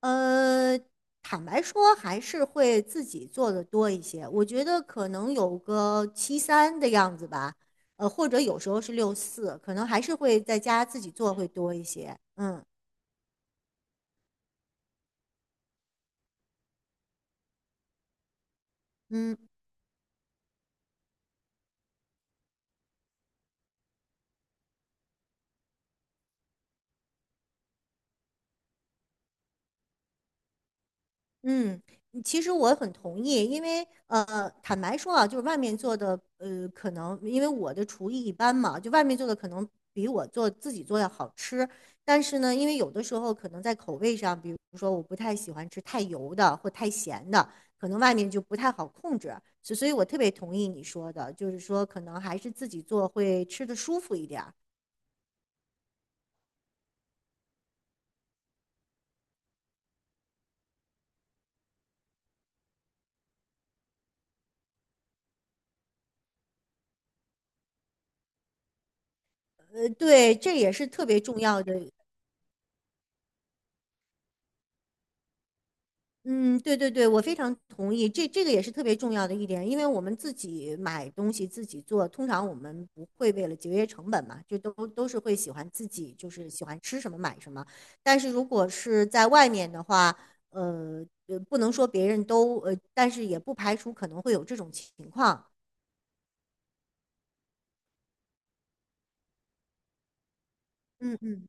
呃，坦白说，还是会自己做的多一些。我觉得可能有个七三的样子吧，或者有时候是六四，可能还是会在家自己做会多一些。嗯嗯。嗯。其实我很同意，因为坦白说啊，就是外面做的，可能因为我的厨艺一般嘛，就外面做的可能比自己做的好吃。但是呢，因为有的时候可能在口味上，比如说我不太喜欢吃太油的或太咸的，可能外面就不太好控制。所以，我特别同意你说的，就是说可能还是自己做会吃的舒服一点儿。对，这也是特别重要的。嗯。对对对，我非常同意，这个也是特别重要的一点，因为我们自己买东西自己做，通常我们不会为了节约成本嘛，就都是会喜欢自己，就是喜欢吃什么买什么。但是如果是在外面的话，不能说别人都但是也不排除可能会有这种情况。嗯嗯。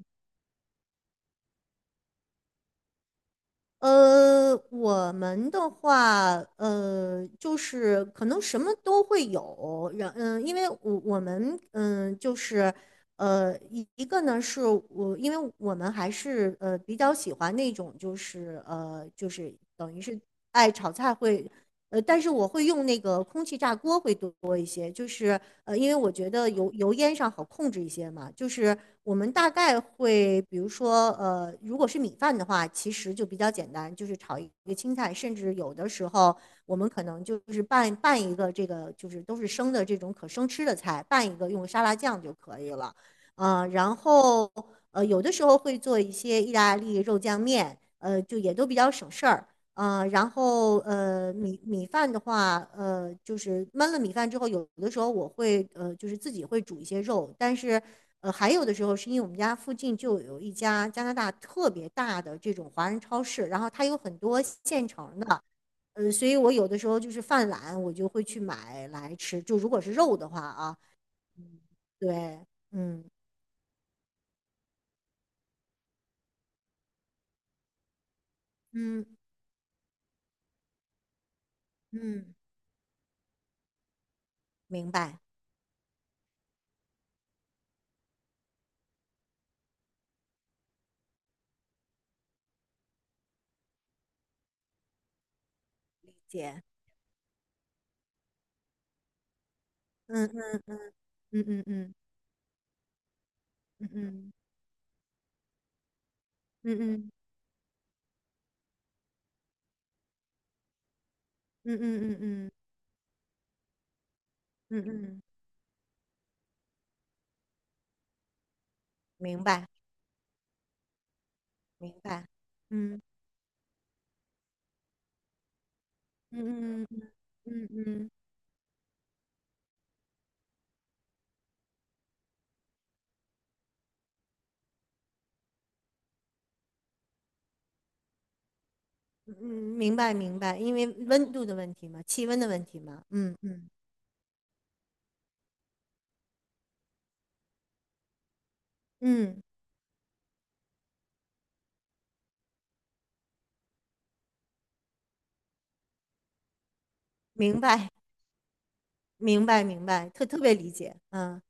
我们的话，就是可能什么都会有，因为我们就是一个呢是我，因为我们还是比较喜欢那种就是等于是爱炒菜会，但是我会用那个空气炸锅会多一些，就是因为我觉得油烟上好控制一些嘛，就是我们大概会，比如说，如果是米饭的话，其实就比较简单，就是炒一个青菜，甚至有的时候我们可能就是拌拌一个这个，就是都是生的这种可生吃的菜，拌一个用沙拉酱就可以了，啊，然后有的时候会做一些意大利肉酱面，就也都比较省事儿。然后米饭的话，就是焖了米饭之后，有的时候我会就是自己会煮一些肉，但是还有的时候是因为我们家附近就有一家加拿大特别大的这种华人超市，然后它有很多现成的，所以我有的时候就是犯懒，我就会去买来吃。就如果是肉的话啊。嗯。对。嗯嗯嗯。明白。姐。嗯嗯嗯嗯嗯嗯嗯嗯嗯嗯嗯嗯。嗯嗯嗯嗯嗯。明白明白。嗯嗯嗯嗯嗯嗯嗯，嗯明白明白，因为温度的问题嘛，气温的问题嘛，嗯嗯。嗯明白明白明白，特别理解。嗯。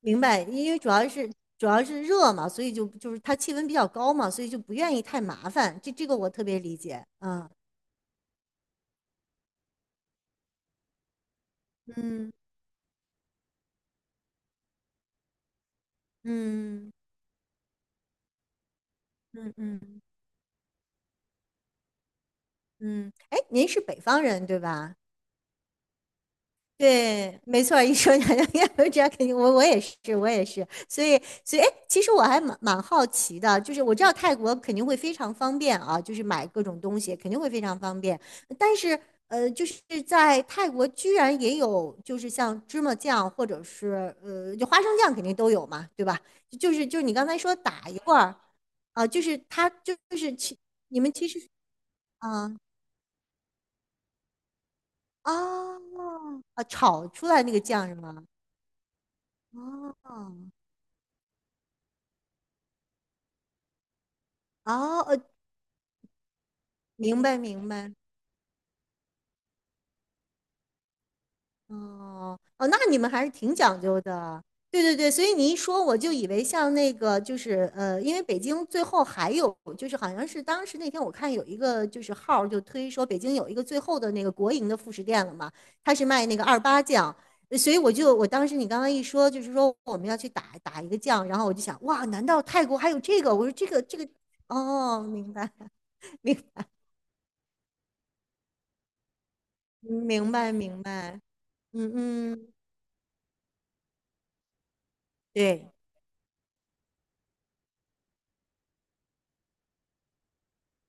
明白。因为主要是热嘛，所以就是它气温比较高嘛，所以就不愿意太麻烦，这个我特别理解。嗯嗯嗯嗯嗯嗯。哎，您是北方人对吧？对，没错儿，一说娘娘我知道肯定我也是，我也是，所以，哎，其实我还蛮好奇的，就是我知道泰国肯定会非常方便啊，就是买各种东西肯定会非常方便，但是就是在泰国居然也有，就是像芝麻酱或者是就花生酱肯定都有嘛，对吧？就是你刚才说打一罐儿啊，就是它就就是其你们其实啊啊啊炒出来那个酱是吗？啊。哦。明白明白。哦哦。那你们还是挺讲究的。对对对，所以你一说我就以为像那个就是因为北京最后还有就是好像是当时那天我看有一个就是号儿就推说北京有一个最后的那个国营的副食店了嘛，他是卖那个二八酱，所以我当时你刚刚一说就是说我们要去打一个酱，然后我就想哇，难道泰国还有这个？我说这个。哦。明白。 明白。嗯嗯。对。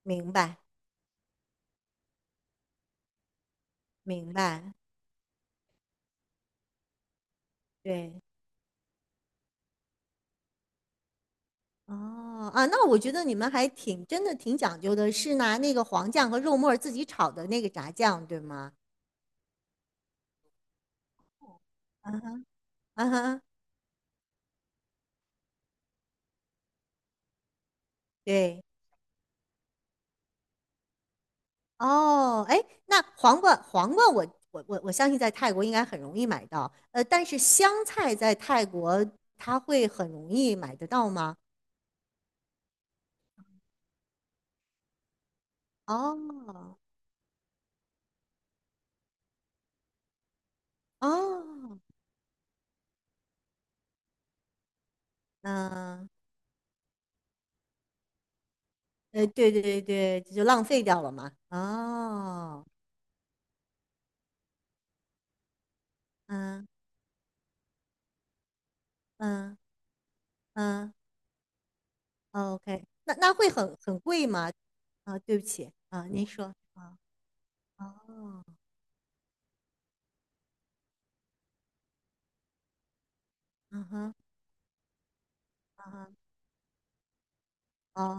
明白。明白。对。哦。啊，那我觉得你们还挺真的挺讲究的，是拿那个黄酱和肉末儿自己炒的那个炸酱，对吗？啊哈。啊哈。对。哦。哎，那黄瓜，黄瓜我，我我我相信在泰国应该很容易买到，但是香菜在泰国它会很容易买得到吗？哦。哦。嗯。对对对对，就浪费掉了嘛。哦。嗯嗯嗯。哦， OK，那会很贵吗？啊，对不起啊，您说啊。哦。嗯哼。啊。哦。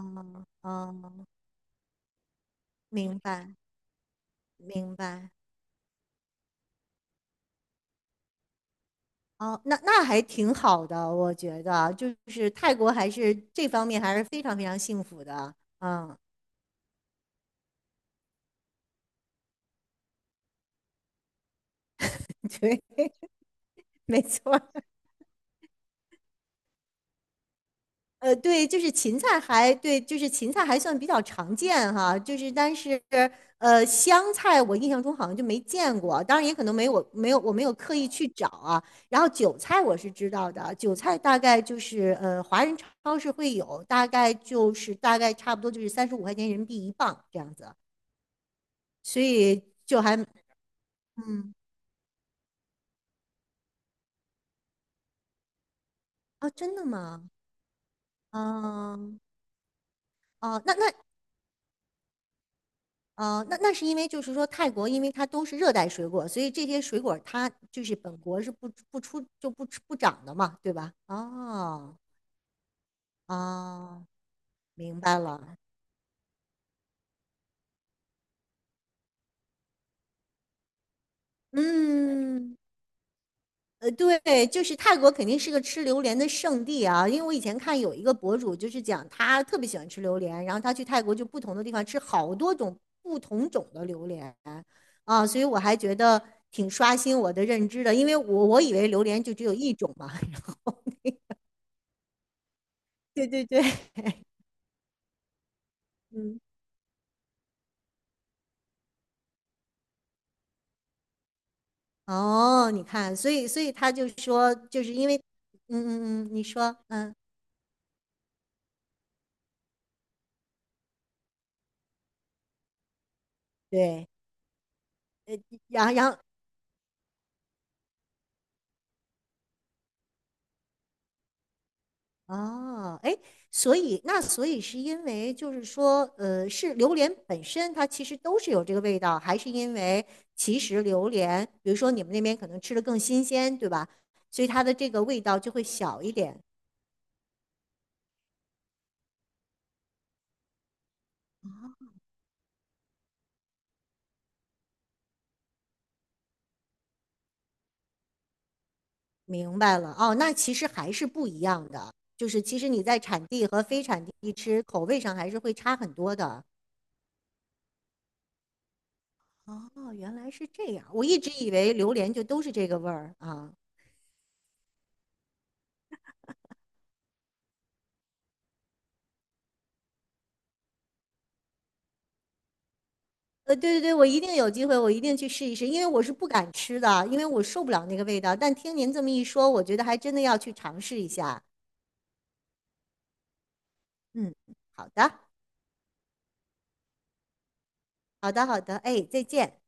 哦。明白。明白。哦，那还挺好的，我觉得，就是泰国还是这方面还是非常非常幸福的。嗯。对，没错，对，就是芹菜还算比较常见哈，就是但是香菜我印象中好像就没见过，当然也可能没我没有我没有刻意去找啊。然后韭菜我是知道的，韭菜大概就是华人超市会有，大概差不多就是35块钱人民币一磅这样子，所以就还嗯啊，真的吗？嗯。哦。那是因为就是说泰国，因为它都是热带水果，所以这些水果它就是本国是不出就不长的嘛，对吧？哦哦，明白了。嗯。对，就是泰国肯定是个吃榴莲的圣地啊，因为我以前看有一个博主就是讲他特别喜欢吃榴莲，然后他去泰国就不同的地方吃好多种不同种的榴莲啊，所以我还觉得挺刷新我的认知的，因为我以为榴莲就只有一种嘛。对对对。嗯。哦，你看，所以他就说，就是因为，嗯嗯嗯。你说。嗯。对。然然后，哦。哎，所以是因为就是说，是榴莲本身它其实都是有这个味道，还是因为其实榴莲，比如说你们那边可能吃的更新鲜，对吧？所以它的这个味道就会小一点。明白了哦，那其实还是不一样的，就是其实你在产地和非产地吃，口味上还是会差很多的。哦，原来是这样，我一直以为榴莲就都是这个味儿啊。对对对，我一定有机会，我一定去试一试，因为我是不敢吃的，因为我受不了那个味道。但听您这么一说，我觉得还真的要去尝试一下。嗯。好的。好的。好的。哎，再见。